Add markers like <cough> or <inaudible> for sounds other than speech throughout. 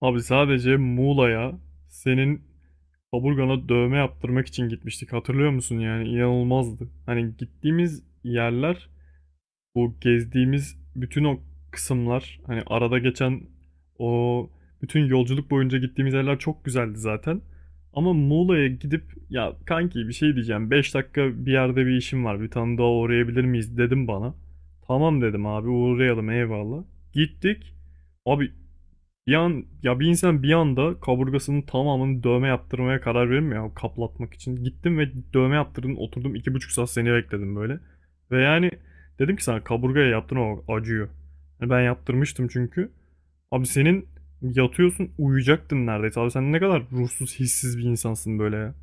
Abi sadece Muğla'ya senin kaburgana dövme yaptırmak için gitmiştik. Hatırlıyor musun yani? İnanılmazdı. Hani gittiğimiz yerler, bu gezdiğimiz bütün o kısımlar, hani arada geçen o bütün yolculuk boyunca gittiğimiz yerler çok güzeldi zaten. Ama Muğla'ya gidip ya kanki bir şey diyeceğim. Beş dakika bir yerde bir işim var. Bir tane daha uğrayabilir miyiz dedim bana. Tamam dedim abi uğrayalım, eyvallah. Gittik. Abi bir an, ya bir insan bir anda kaburgasının tamamını dövme yaptırmaya karar verir mi ya, kaplatmak için? Gittim ve dövme yaptırdım, oturdum iki buçuk saat seni bekledim böyle. Ve yani dedim ki sana kaburgaya yaptırma bak, acıyor. Yani ben yaptırmıştım çünkü. Abi senin yatıyorsun, uyuyacaktın neredeyse. Abi sen ne kadar ruhsuz, hissiz bir insansın böyle ya.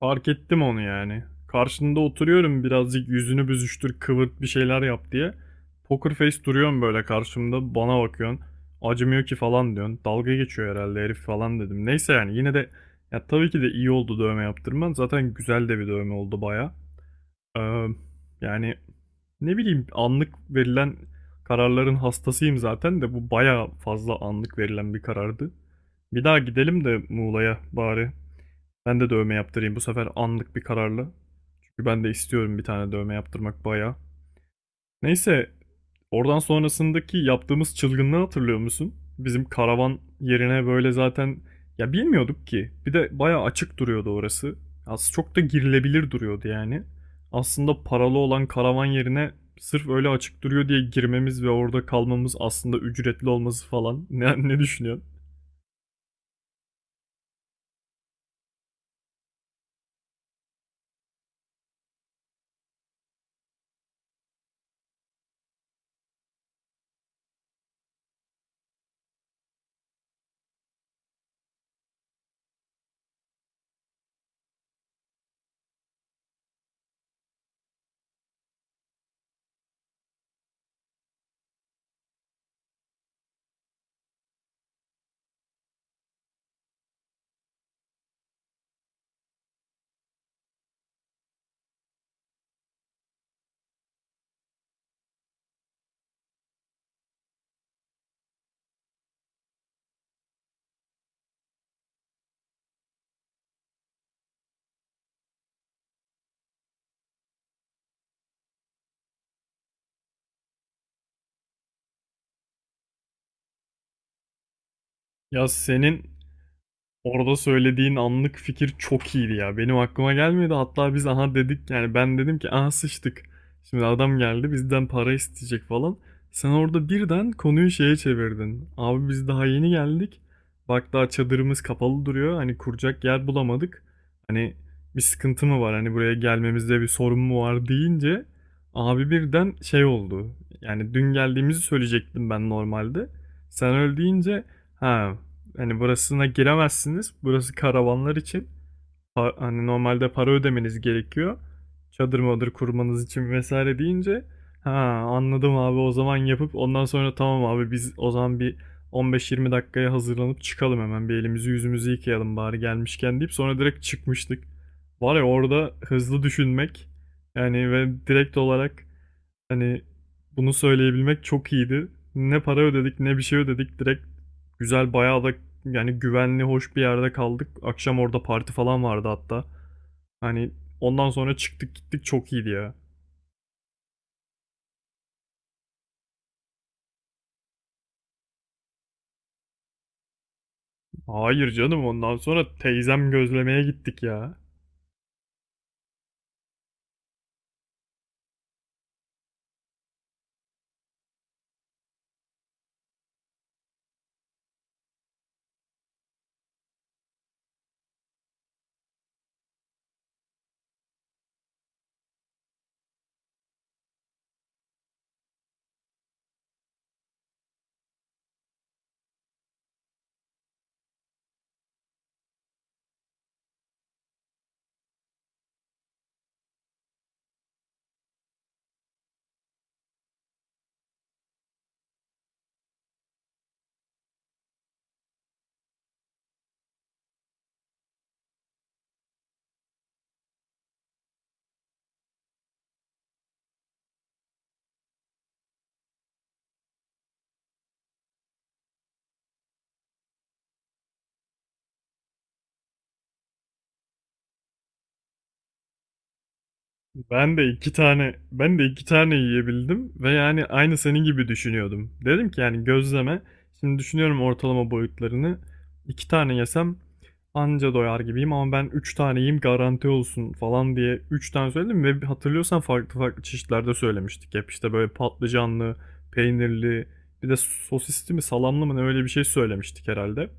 Fark ettim onu yani. Karşında oturuyorum, birazcık yüzünü büzüştür, kıvırt, bir şeyler yap diye. Poker face duruyorsun böyle karşımda, bana bakıyorsun. Acımıyor ki falan diyorsun. Dalga geçiyor herhalde herif falan dedim. Neyse, yani yine de ya tabii ki de iyi oldu dövme yaptırman. Zaten güzel de bir dövme oldu baya. Ee, yani ne bileyim, anlık verilen kararların hastasıyım zaten de bu baya fazla anlık verilen bir karardı. Bir daha gidelim de Muğla'ya bari. Ben de dövme yaptırayım bu sefer, anlık bir kararla. Çünkü ben de istiyorum bir tane dövme yaptırmak bayağı. Neyse, oradan sonrasındaki yaptığımız çılgınlığı hatırlıyor musun? Bizim karavan yerine böyle zaten ya bilmiyorduk ki. Bir de bayağı açık duruyordu orası. Aslında çok da girilebilir duruyordu yani. Aslında paralı olan karavan yerine sırf öyle açık duruyor diye girmemiz ve orada kalmamız, aslında ücretli olması falan. <laughs> Ne düşünüyorsun? Ya senin orada söylediğin anlık fikir çok iyiydi ya. Benim aklıma gelmedi. Hatta biz aha dedik, yani ben dedim ki aha sıçtık. Şimdi adam geldi bizden para isteyecek falan. Sen orada birden konuyu şeye çevirdin. Abi biz daha yeni geldik. Bak daha çadırımız kapalı duruyor. Hani kuracak yer bulamadık. Hani bir sıkıntı mı var? Hani buraya gelmemizde bir sorun mu var deyince abi birden şey oldu. Yani dün geldiğimizi söyleyecektim ben normalde. Sen öyle deyince, ha, hani burasına giremezsiniz. Burası karavanlar için. Hani normalde para ödemeniz gerekiyor. Çadır madır kurmanız için vesaire deyince, ha, anladım abi, o zaman yapıp ondan sonra tamam abi biz o zaman bir 15-20 dakikaya hazırlanıp çıkalım, hemen bir elimizi yüzümüzü yıkayalım bari gelmişken deyip sonra direkt çıkmıştık. Var ya, orada hızlı düşünmek yani ve direkt olarak hani bunu söyleyebilmek çok iyiydi. Ne para ödedik ne bir şey ödedik. Direkt güzel, bayağı da yani güvenli, hoş bir yerde kaldık. Akşam orada parti falan vardı hatta. Hani ondan sonra çıktık gittik, çok iyiydi ya. Hayır canım, ondan sonra teyzem gözlemeye gittik ya. Ben de iki tane yiyebildim ve yani aynı senin gibi düşünüyordum. Dedim ki yani gözleme. Şimdi düşünüyorum ortalama boyutlarını. İki tane yesem anca doyar gibiyim ama ben üç tane yiyeyim garanti olsun falan diye üç tane söyledim ve hatırlıyorsan farklı farklı çeşitlerde söylemiştik. Hep işte böyle patlıcanlı, peynirli, bir de sosisli mi salamlı mı ne öyle bir şey söylemiştik herhalde.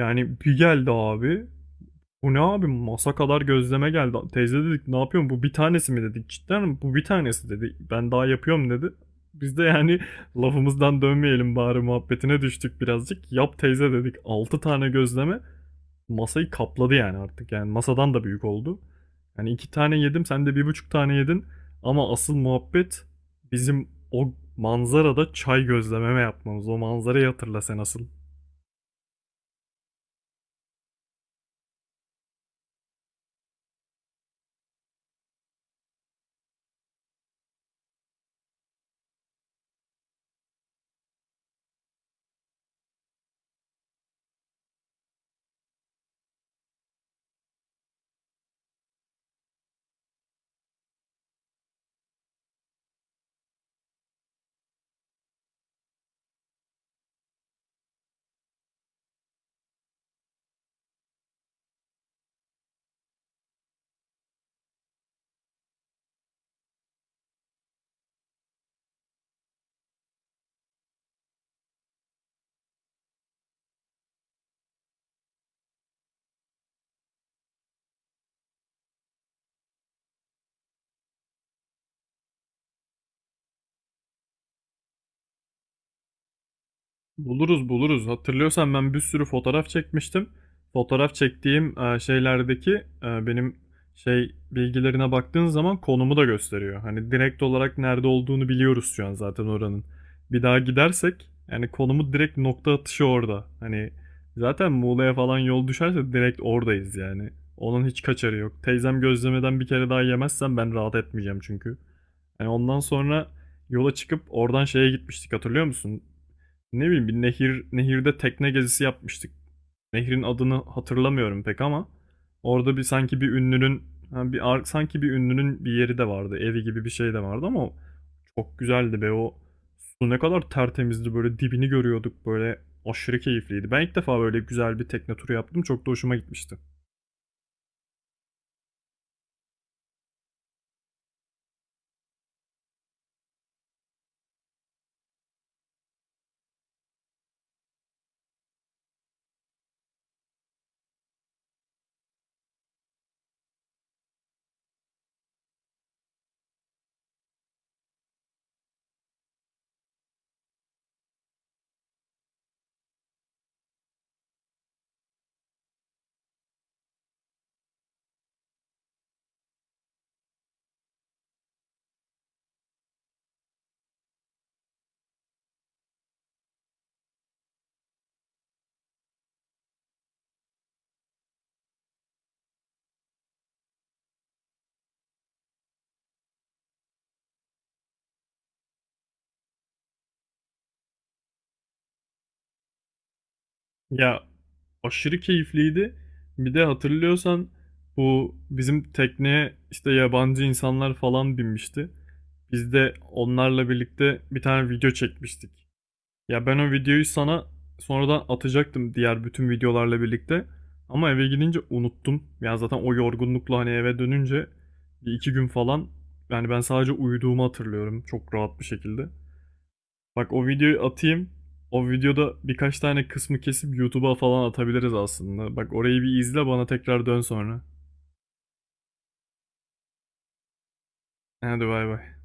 Yani bir geldi abi. Bu ne abi, masa kadar gözleme geldi. Teyze dedik ne yapıyorsun, bu bir tanesi mi dedik. Cidden mi? Bu bir tanesi dedi. Ben daha yapıyorum dedi. Biz de yani <laughs> lafımızdan dönmeyelim bari muhabbetine düştük birazcık. Yap teyze dedik, 6 tane gözleme masayı kapladı yani artık. Yani masadan da büyük oldu. Yani 2 tane yedim, sen de bir buçuk tane yedin. Ama asıl muhabbet bizim o manzarada çay, gözlememe yapmamız. O manzarayı hatırla sen asıl. Buluruz buluruz. Hatırlıyorsan ben bir sürü fotoğraf çekmiştim. Fotoğraf çektiğim şeylerdeki benim şey bilgilerine baktığın zaman konumu da gösteriyor. Hani direkt olarak nerede olduğunu biliyoruz şu an zaten oranın. Bir daha gidersek yani konumu direkt nokta atışı orada. Hani zaten Muğla'ya falan yol düşerse direkt oradayız yani. Onun hiç kaçarı yok. Teyzem gözlemeden bir kere daha yemezsem ben rahat etmeyeceğim çünkü. Yani ondan sonra yola çıkıp oradan şeye gitmiştik, hatırlıyor musun? Ne bileyim, bir nehir, nehirde tekne gezisi yapmıştık. Nehrin adını hatırlamıyorum pek ama orada bir sanki bir ünlünün, ha, sanki bir ünlünün bir yeri de vardı. Evi gibi bir şey de vardı ama çok güzeldi be, o su ne kadar tertemizdi böyle, dibini görüyorduk böyle, aşırı keyifliydi. Ben ilk defa böyle güzel bir tekne turu yaptım. Çok da hoşuma gitmişti. Ya, aşırı keyifliydi. Bir de hatırlıyorsan bu bizim tekneye işte yabancı insanlar falan binmişti. Biz de onlarla birlikte bir tane video çekmiştik. Ya ben o videoyu sana sonradan atacaktım diğer bütün videolarla birlikte. Ama eve gidince unuttum. Yani zaten o yorgunlukla hani eve dönünce bir iki gün falan, yani ben sadece uyuduğumu hatırlıyorum çok rahat bir şekilde. Bak, o videoyu atayım. O videoda birkaç tane kısmı kesip YouTube'a falan atabiliriz aslında. Bak orayı bir izle, bana tekrar dön sonra. Hadi bay bay.